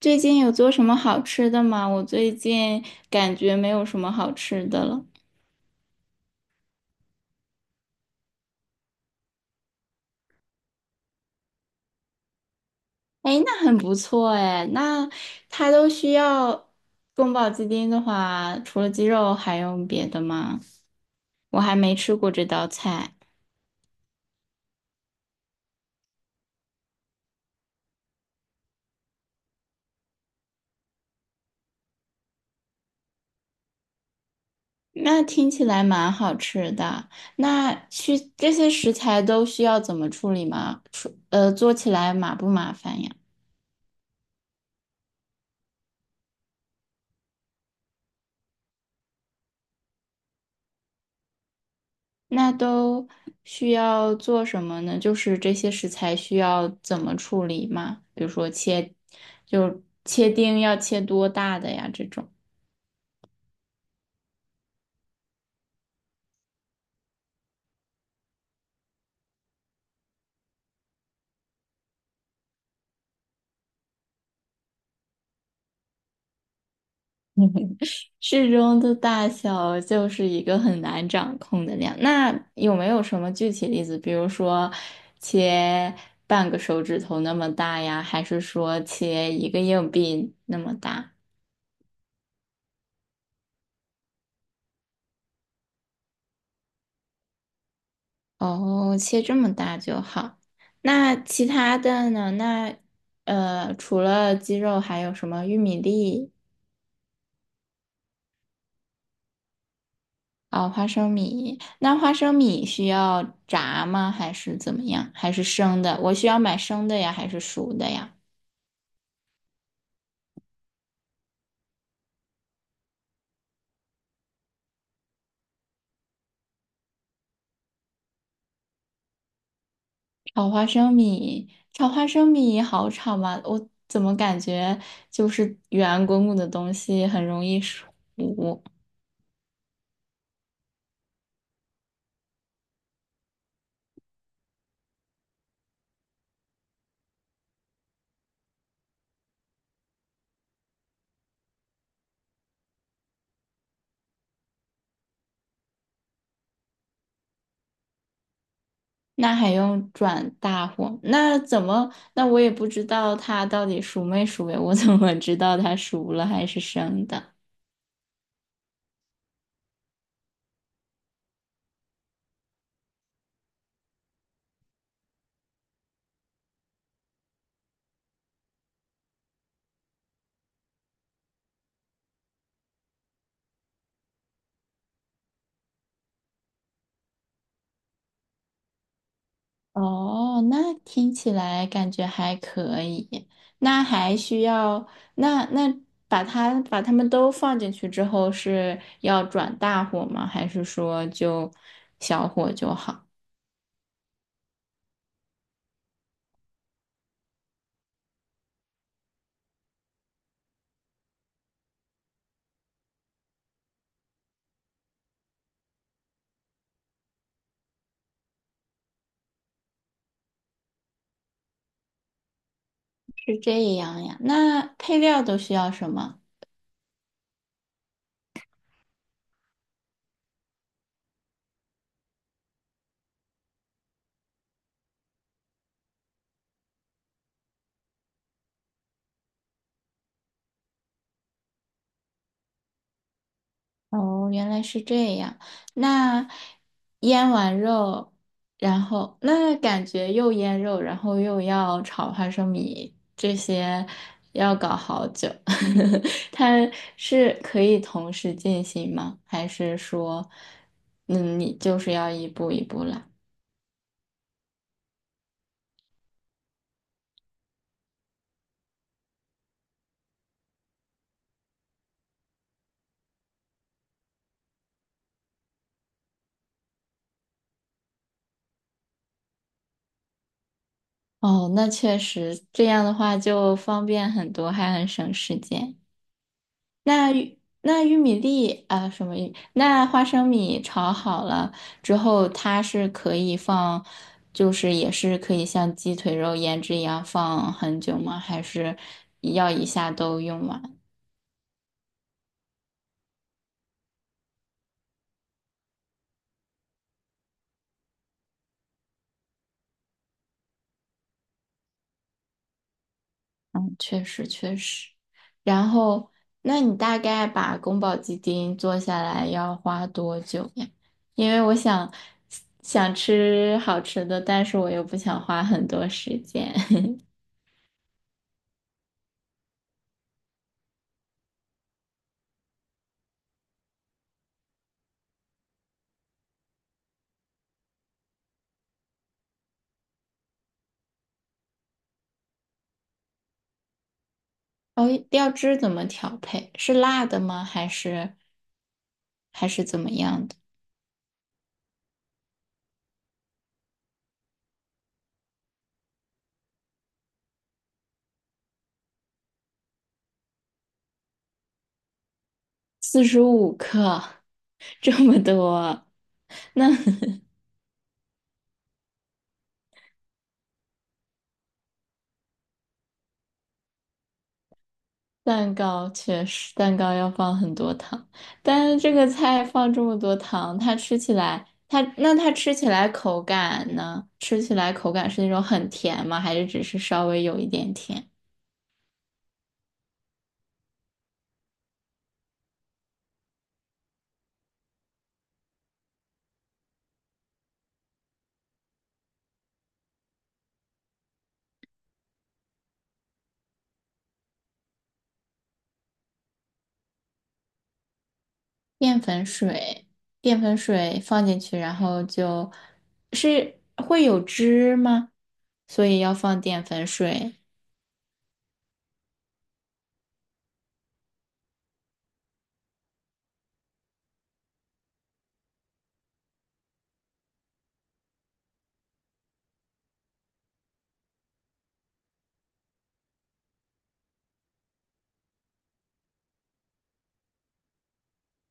最近有做什么好吃的吗？我最近感觉没有什么好吃的了。哎，那很不错哎。那它都需要宫保鸡丁的话，除了鸡肉还用别的吗？我还没吃过这道菜。那听起来蛮好吃的。那需这些食材都需要怎么处理吗？做起来麻不麻烦呀？那都需要做什么呢？就是这些食材需要怎么处理吗？比如说切，就切丁要切多大的呀？这种。 适中的大小就是一个很难掌控的量。那有没有什么具体例子？比如说切半个手指头那么大呀，还是说切一个硬币那么大？哦，切这么大就好。那其他的呢？除了鸡肉，还有什么玉米粒？哦，花生米。那花生米需要炸吗？还是怎么样？还是生的？我需要买生的呀，还是熟的呀？炒花生米，炒花生米好炒吗？我怎么感觉就是圆滚滚的东西很容易熟？那还用转大火？那怎么？那我也不知道它到底熟没熟呀？我怎么知道它熟了还是生的？哦，那听起来感觉还可以。那还需要，那把它们都放进去之后是要转大火吗？还是说就小火就好？是这样呀？那配料都需要什么？哦，原来是这样。那腌完肉，然后那感觉又腌肉，然后又要炒花生米，这些要搞好久。它是可以同时进行吗？还是说，嗯，你就是要一步一步来？哦，那确实，这样的话就方便很多，还很省时间。那玉米粒啊，什么玉？那花生米炒好了之后，它是可以放，就是也是可以像鸡腿肉腌制一样放很久吗？还是要一下都用完？嗯，确实确实。然后，那你大概把宫保鸡丁做下来要花多久呀？因为我想吃好吃的，但是我又不想花很多时间。哦，料汁怎么调配？是辣的吗？还是怎么样的？45克，这么多蛋糕，确实蛋糕要放很多糖，但是这个菜放这么多糖，它吃起来，它那它吃起来口感呢？吃起来口感是那种很甜吗？还是只是稍微有一点甜？淀粉水，淀粉水放进去，然后就是会有汁吗？所以要放淀粉水。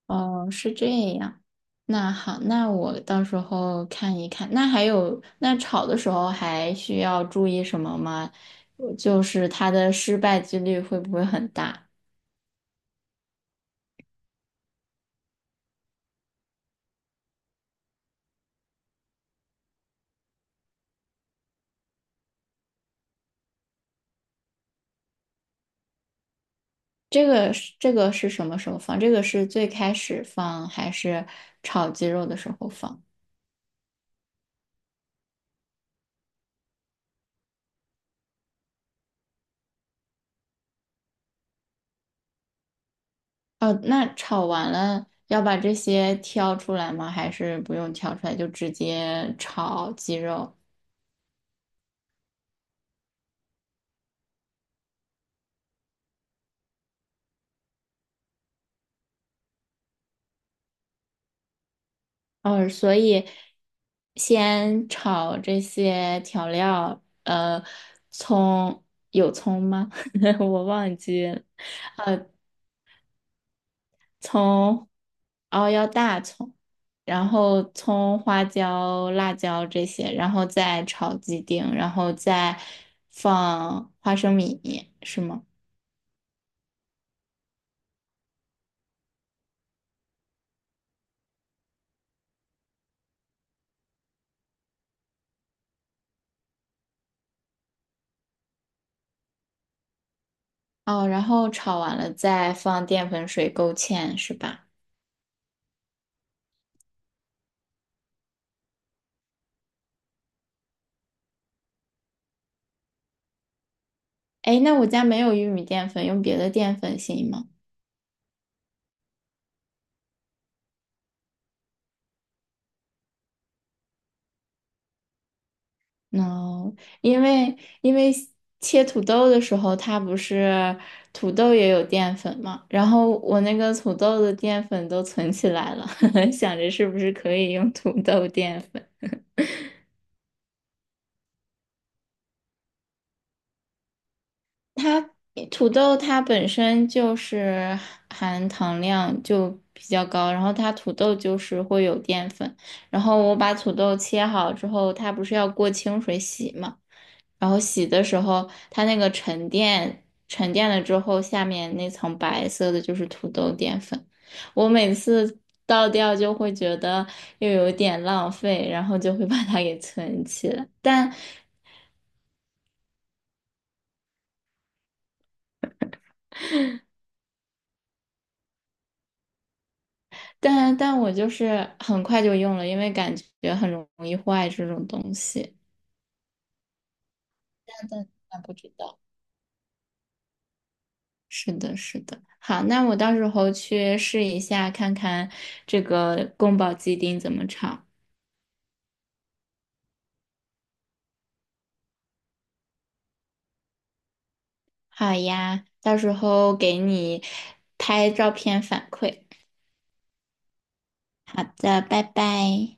哦，是这样。那好，那我到时候看一看。那还有，那炒的时候还需要注意什么吗？就是它的失败几率会不会很大？这个是什么时候放？这个是最开始放还是炒鸡肉的时候放？哦，那炒完了要把这些挑出来吗？还是不用挑出来就直接炒鸡肉？哦，所以先炒这些调料，葱有葱吗？我忘记了，葱，哦，要大葱，然后葱、花椒、辣椒这些，然后再炒鸡丁，然后再放花生米，是吗？哦，然后炒完了再放淀粉水勾芡，是吧？哎，那我家没有玉米淀粉，用别的淀粉行吗？no，因为因为切土豆的时候，它不是土豆也有淀粉嘛，然后我那个土豆的淀粉都存起来了，想着是不是可以用土豆淀粉。它土豆它本身就是含糖量就比较高，然后它土豆就是会有淀粉，然后我把土豆切好之后，它不是要过清水洗嘛？然后洗的时候，它那个沉淀沉淀了之后，下面那层白色的就是土豆淀粉。我每次倒掉就会觉得又有点浪费，然后就会把它给存起来。但我就是很快就用了，因为感觉很容易坏这种东西。但不知道。是的，是的。好，那我到时候去试一下，看看这个宫保鸡丁怎么炒。好呀，到时候给你拍照片反馈。好的，拜拜。